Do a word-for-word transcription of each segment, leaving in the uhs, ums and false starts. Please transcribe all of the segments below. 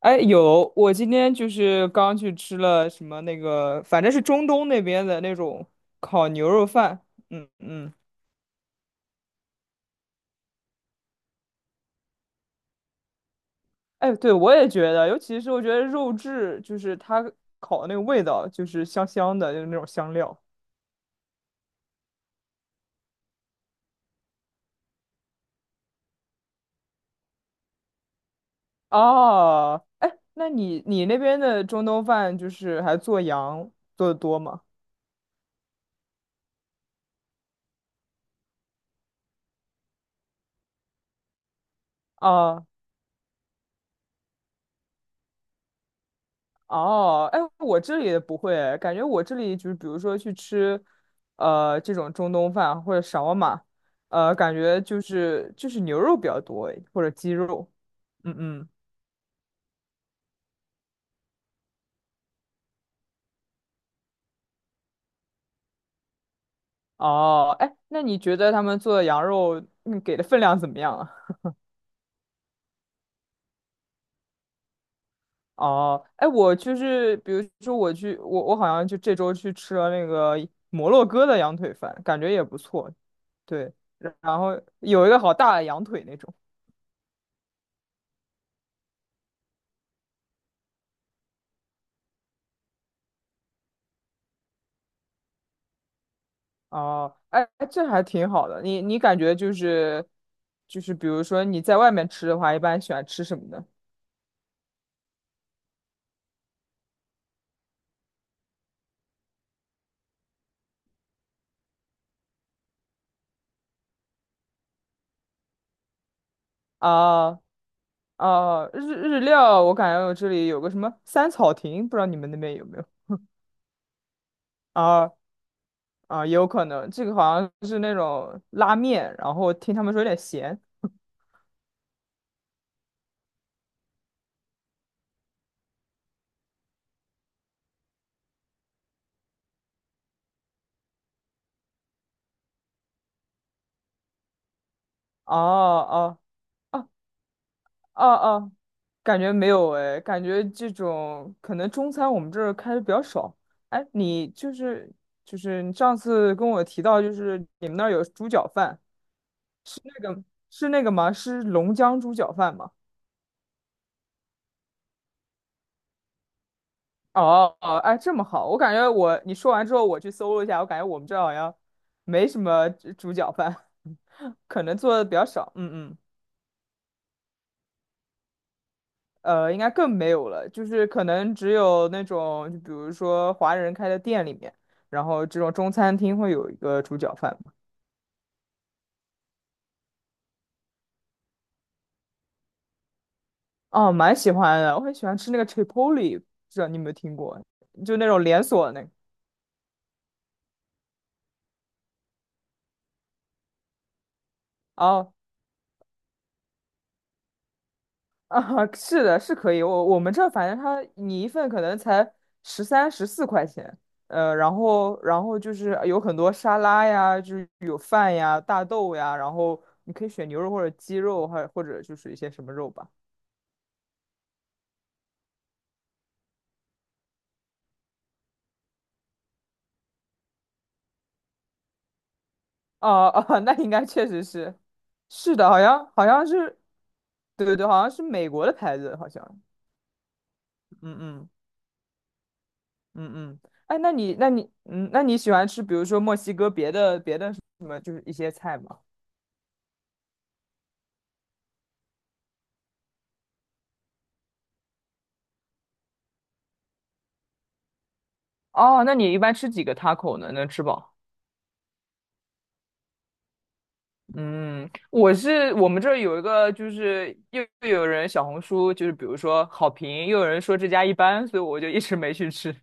哎，有，我今天就是刚去吃了什么那个，反正是中东那边的那种烤牛肉饭。嗯嗯，哎，对，我也觉得，尤其是我觉得肉质，就是它烤的那个味道，就是香香的，就是那种香料。哦，哎，那你你那边的中东饭就是还做羊做的多吗？啊哦，哎，我这里也不会，感觉我这里就是比如说去吃，呃，这种中东饭或者沙瓦玛，呃，感觉就是就是牛肉比较多，或者鸡肉。嗯嗯，哦，哎，那你觉得他们做的羊肉，你给的分量怎么样啊？哦，哎，我就是比如说我去，我我好像就这周去吃了那个摩洛哥的羊腿饭，感觉也不错。对，然后有一个好大的羊腿那种。哦，哎，哎这还挺好的。你你感觉就是就是，比如说你在外面吃的话，一般喜欢吃什么呢？啊啊，日日料，我感觉我这里有个什么三草亭，不知道你们那边有没有？啊啊，也有可能，这个好像是那种拉面，然后听他们说有点咸。哦哦哦。哦哦，感觉没有哎，感觉这种可能中餐我们这儿开的比较少。哎，你就是就是你上次跟我提到，就是你们那儿有猪脚饭，是那个吗？是龙江猪脚饭吗？哦哦，哎，这么好，我感觉我你说完之后，我去搜了一下，我感觉我们这儿好像没什么猪猪脚饭，可能做的比较少。嗯嗯。呃，应该更没有了，就是可能只有那种，就比如说华人开的店里面，然后这种中餐厅会有一个猪脚饭嘛。哦，蛮喜欢的，我很喜欢吃那个 Chipotle，不知道你有没有听过？就那种连锁的那个。哦，啊，是的，是可以。我我们这儿反正它你一份可能才十三、十四块钱，呃，然后然后就是呃有很多沙拉呀，就是有饭呀、大豆呀，然后你可以选牛肉或者鸡肉，还或者就是一些什么肉吧。哦哦，那应该确实是，是的，好像好像是，对对对，好像是美国的牌子，好像，嗯嗯嗯嗯，哎，那你那你嗯，那你喜欢吃，比如说墨西哥别的别的什么，就是一些菜吗？哦，那你一般吃几个 taco 呢？能吃饱？嗯，我是我们这儿有一个，就是又又有人小红书，就是比如说好评，又有人说这家一般，所以我就一直没去吃。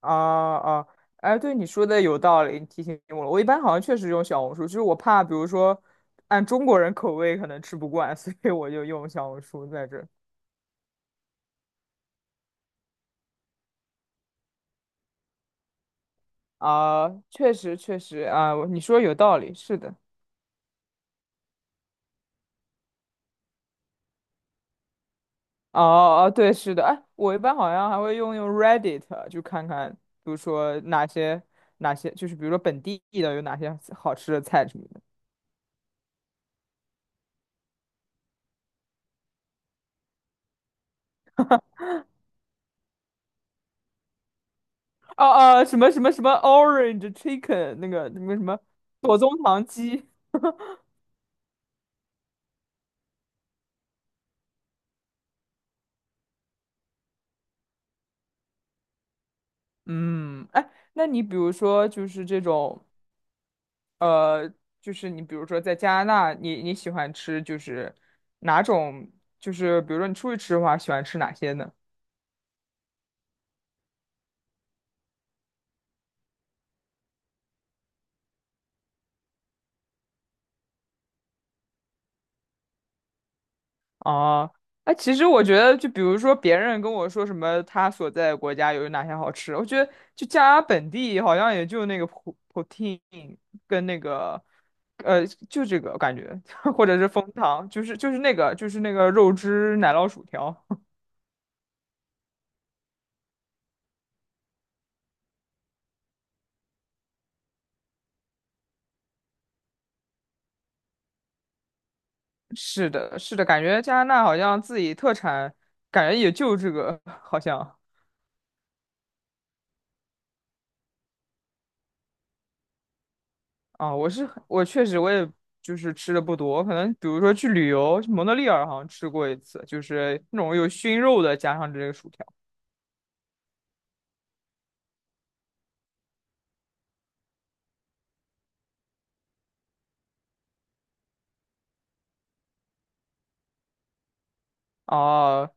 啊啊，哎，对你说的有道理，你提醒我了。我一般好像确实用小红书，就是我怕，比如说按中国人口味可能吃不惯，所以我就用小红书在这啊，确实确实啊，你说有道理，是的。哦哦，对，是的。哎，我一般好像还会用用 Reddit，就看看，比如说哪些哪些，就是比如说本地的有哪些好吃的菜什么的。哦哦，什么什么什么 Orange Chicken 那个那个什么左宗棠鸡。嗯，哎，那你比如说就是这种，呃，就是你比如说在加拿大，你你喜欢吃就是哪种，就是比如说你出去吃的话，喜欢吃哪些呢？哦，哎，其实我觉得，就比如说别人跟我说什么他所在的国家有哪些好吃，我觉得就加拿大本地好像也就那个 po- poutine 跟那个，呃，就这个感觉，或者是枫糖，就是就是那个就是那个肉汁奶酪薯条。是的，是的，感觉加拿大好像自己特产，感觉也就这个，好像啊，我是很我确实我也就是吃的不多，可能比如说去旅游，去蒙特利尔好像吃过一次，就是那种有熏肉的，加上这个薯条。哦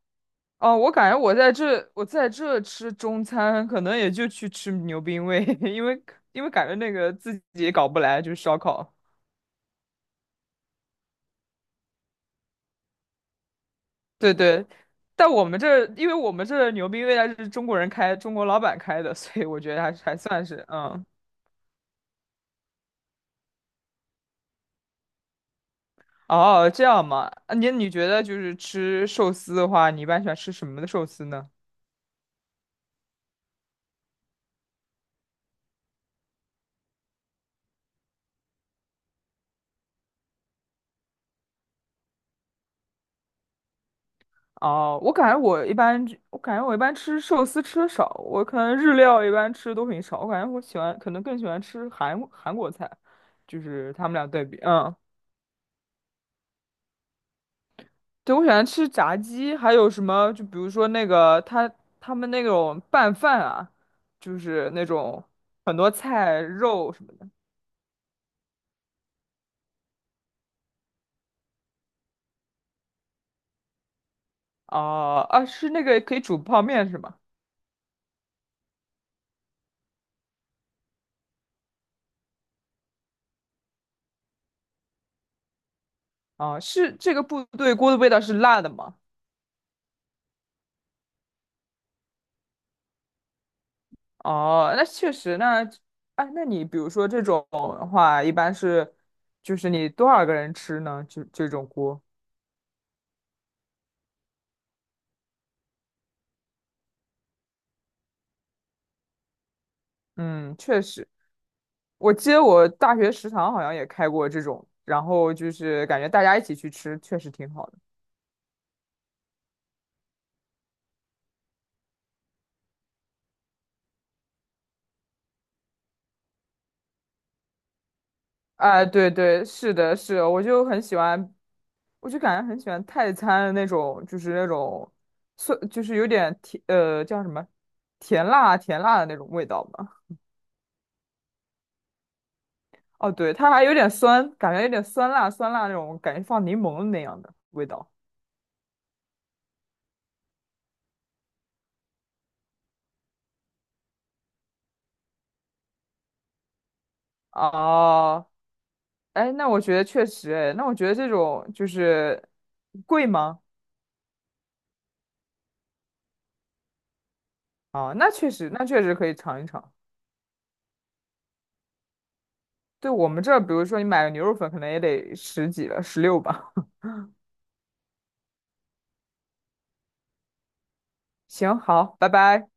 哦，我感觉我在这我在这吃中餐，可能也就去吃牛冰味，因为因为感觉那个自己也搞不来，就是烧烤。对对，但我们这儿，因为我们这儿牛逼未来是中国人开，中国老板开的，所以我觉得还是还算是，嗯，哦，这样嘛，啊你你觉得就是吃寿司的话，你一般喜欢吃什么的寿司呢？哦，我感觉我一般，我感觉我一般吃寿司吃的少，我可能日料一般吃的都很少，我感觉我喜欢，可能更喜欢吃韩韩国菜，就是他们俩对比，嗯。对，我喜欢吃炸鸡，还有什么？就比如说那个他他们那种拌饭啊，就是那种很多菜肉什么的。哦、啊，是那个可以煮泡面是吗？哦、是这个部队锅的味道是辣的吗？哦、那确实，那哎，那你比如说这种的话，一般是就是你多少个人吃呢？就这种锅，嗯，确实。我记得我大学食堂好像也开过这种，然后就是感觉大家一起去吃，确实挺好的。哎，对对，是的，是的我就很喜欢，我就感觉很喜欢泰餐的那种，就是那种酸，就是有点甜，呃，叫什么，甜辣甜辣的那种味道吧。哦，对，它还有点酸，感觉有点酸辣酸辣那种，感觉放柠檬那样的味道。哦，哎，那我觉得确实，哎，那我觉得这种就是贵吗？啊，那确实，那确实可以尝一尝。对我们这儿，比如说你买个牛肉粉，可能也得十几了，十六吧。行，好，拜拜。